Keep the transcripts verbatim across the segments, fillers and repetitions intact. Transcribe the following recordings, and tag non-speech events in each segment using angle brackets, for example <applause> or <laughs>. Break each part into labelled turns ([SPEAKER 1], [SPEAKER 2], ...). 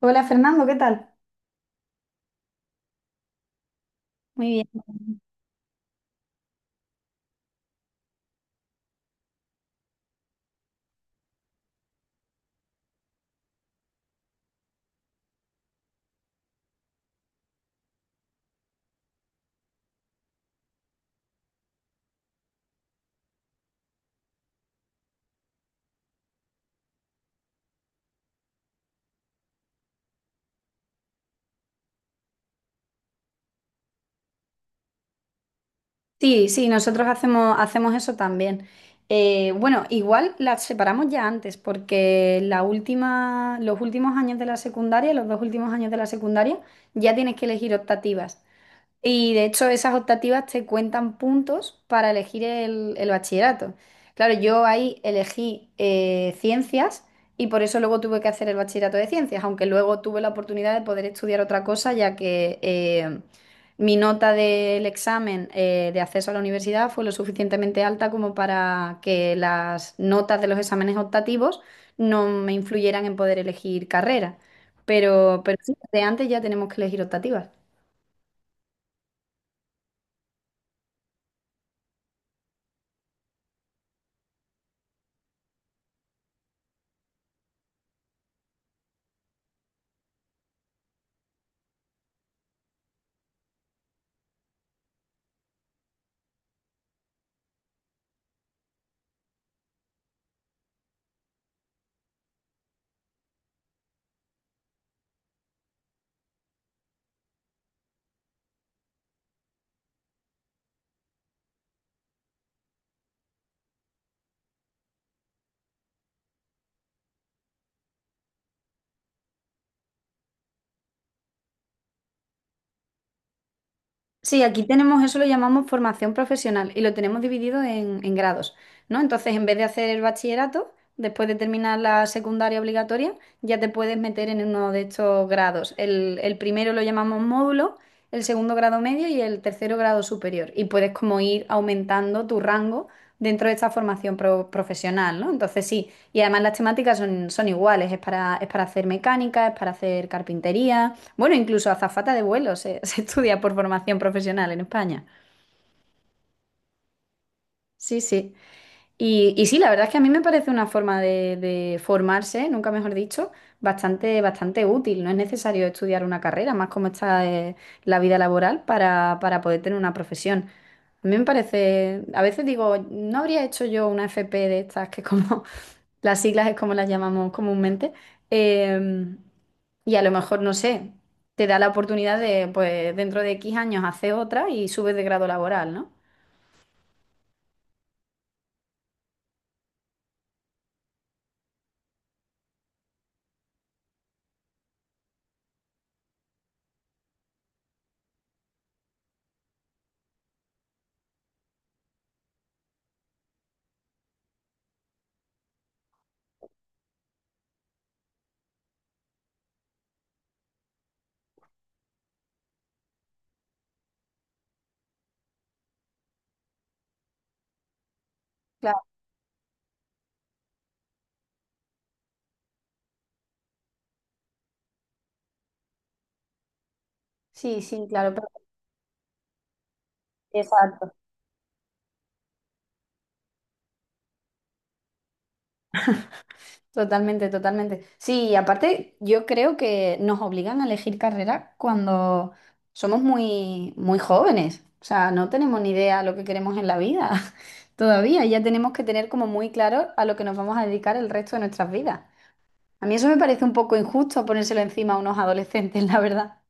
[SPEAKER 1] Hola Fernando, ¿qué tal? Muy bien. Sí, sí, nosotros hacemos, hacemos eso también. Eh, bueno, igual las separamos ya antes, porque la última, los últimos años de la secundaria, los dos últimos años de la secundaria, ya tienes que elegir optativas. Y de hecho, esas optativas te cuentan puntos para elegir el, el bachillerato. Claro, yo ahí elegí eh, ciencias y por eso luego tuve que hacer el bachillerato de ciencias, aunque luego tuve la oportunidad de poder estudiar otra cosa, ya que eh, mi nota del examen eh, de acceso a la universidad fue lo suficientemente alta como para que las notas de los exámenes optativos no me influyeran en poder elegir carrera. Pero, pero sí, de antes ya tenemos que elegir optativas. Sí, aquí tenemos eso, lo llamamos formación profesional y lo tenemos dividido en, en grados, ¿no? Entonces, en vez de hacer el bachillerato, después de terminar la secundaria obligatoria, ya te puedes meter en uno de estos grados. El, el primero lo llamamos módulo, el segundo grado medio y el tercero grado superior. Y puedes como ir aumentando tu rango dentro de esta formación pro- profesional, ¿no? Entonces, sí, y además las temáticas son, son iguales, es para, es para hacer mecánica, es para hacer carpintería. Bueno, incluso azafata de vuelo se, <laughs> se estudia por formación profesional en España. Sí, sí. Y, y sí, la verdad es que a mí me parece una forma de, de formarse, nunca mejor dicho, bastante, bastante útil. No es necesario estudiar una carrera, más como está eh, la vida laboral para, para poder tener una profesión. A mí me parece, a veces digo, no habría hecho yo una F P de estas, que como <laughs> las siglas es como las llamamos comúnmente. Em, y a lo mejor, no sé, te da la oportunidad de, pues, dentro de X años hacer otra y subes de grado laboral, ¿no? Claro, sí, sí, claro, pero... exacto. Totalmente, totalmente. Sí, y aparte yo creo que nos obligan a elegir carrera cuando somos muy, muy jóvenes. O sea, no tenemos ni idea lo que queremos en la vida <laughs> todavía. Ya tenemos que tener como muy claro a lo que nos vamos a dedicar el resto de nuestras vidas. A mí eso me parece un poco injusto ponérselo encima a unos adolescentes, <laughs> la verdad.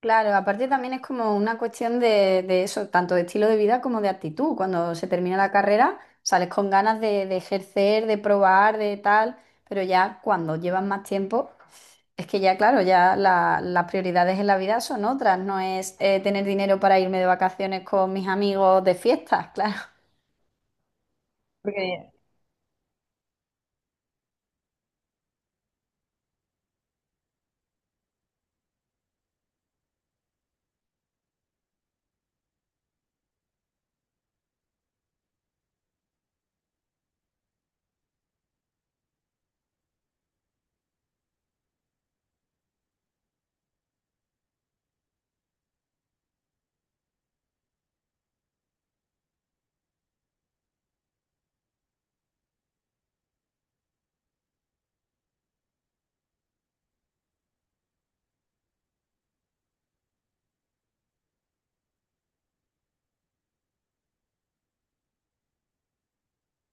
[SPEAKER 1] Claro, aparte también es como una cuestión de, de eso, tanto de estilo de vida como de actitud. Cuando se termina la carrera, sales con ganas de, de ejercer, de probar, de tal, pero ya cuando llevas más tiempo, es que ya, claro, ya la- las prioridades en la vida son otras. No es eh, tener dinero para irme de vacaciones con mis amigos de fiestas, <laughs> claro. Porque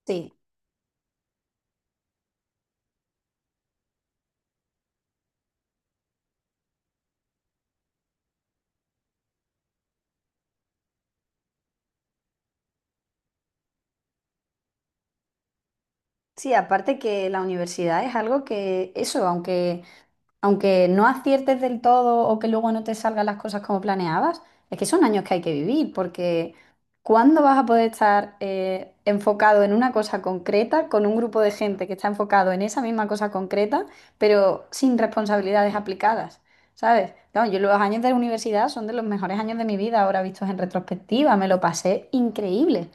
[SPEAKER 1] sí, sí, aparte que la universidad es algo que, eso, aunque aunque no aciertes del todo o que luego no te salgan las cosas como planeabas, es que son años que hay que vivir, porque ¿cuándo vas a poder estar eh, enfocado en una cosa concreta con un grupo de gente que está enfocado en esa misma cosa concreta, pero sin responsabilidades aplicadas? ¿Sabes? No, yo los años de la universidad son de los mejores años de mi vida, ahora vistos en retrospectiva, me lo pasé increíble.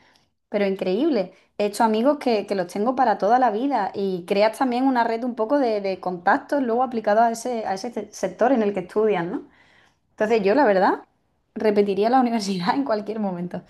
[SPEAKER 1] Pero increíble. He hecho amigos que, que los tengo para toda la vida y creas también una red un poco de, de contactos luego aplicados a ese, a ese se- sector en el que estudias, ¿no? Entonces yo, la verdad, repetiría la universidad <laughs> en cualquier momento.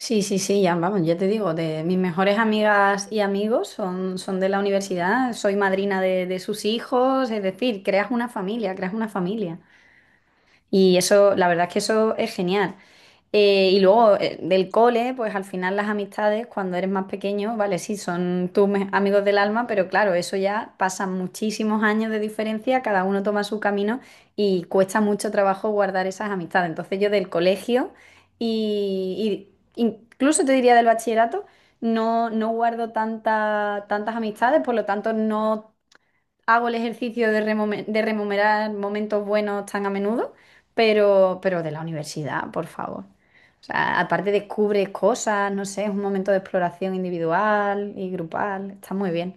[SPEAKER 1] Sí, sí, sí, ya vamos, ya te digo, de mis mejores amigas y amigos son, son de la universidad, soy madrina de, de sus hijos, es decir, creas una familia, creas una familia. Y eso, la verdad es que eso es genial. Eh, y luego eh, del cole, pues al final las amistades, cuando eres más pequeño, vale, sí, son tus me- amigos del alma, pero claro, eso ya pasan muchísimos años de diferencia, cada uno toma su camino y cuesta mucho trabajo guardar esas amistades. Entonces yo del colegio y, y incluso te diría del bachillerato, no, no guardo tanta, tantas amistades, por lo tanto no hago el ejercicio de, remome- de rememorar momentos buenos tan a menudo, pero, pero de la universidad, por favor. O sea, aparte descubres cosas, no sé, es un momento de exploración individual y grupal, está muy bien.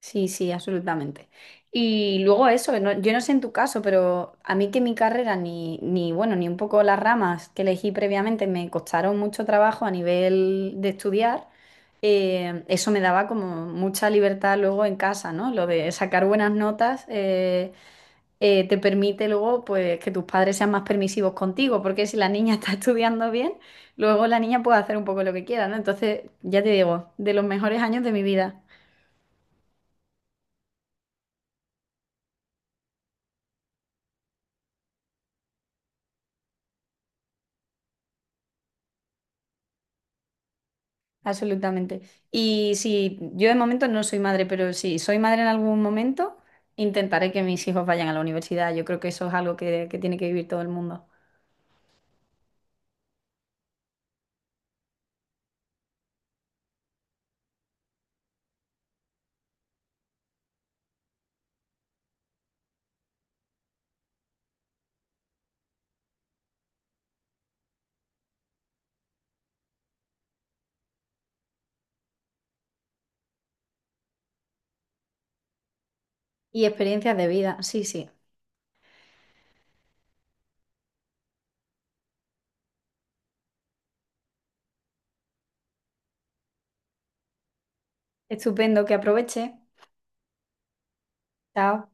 [SPEAKER 1] Sí, sí, absolutamente. Y luego eso, no- yo no sé en tu caso, pero a mí que mi carrera ni, ni, bueno, ni un poco las ramas que elegí previamente me costaron mucho trabajo a nivel de estudiar, eh, eso me daba como mucha libertad luego en casa, ¿no? Lo de sacar buenas notas eh, eh, te permite luego pues que tus padres sean más permisivos contigo, porque si la niña <laughs> está estudiando bien, luego la niña puede hacer un poco lo que quiera, ¿no? Entonces, ya te digo, de los mejores años de mi vida. Absolutamente. Y si yo de momento no soy madre, pero si soy madre en algún momento, intentaré que mis hijos vayan a la universidad. Yo creo que eso es algo que, que tiene que vivir todo el mundo. Y experiencias de vida, sí, sí. Estupendo, que aproveche. Chao.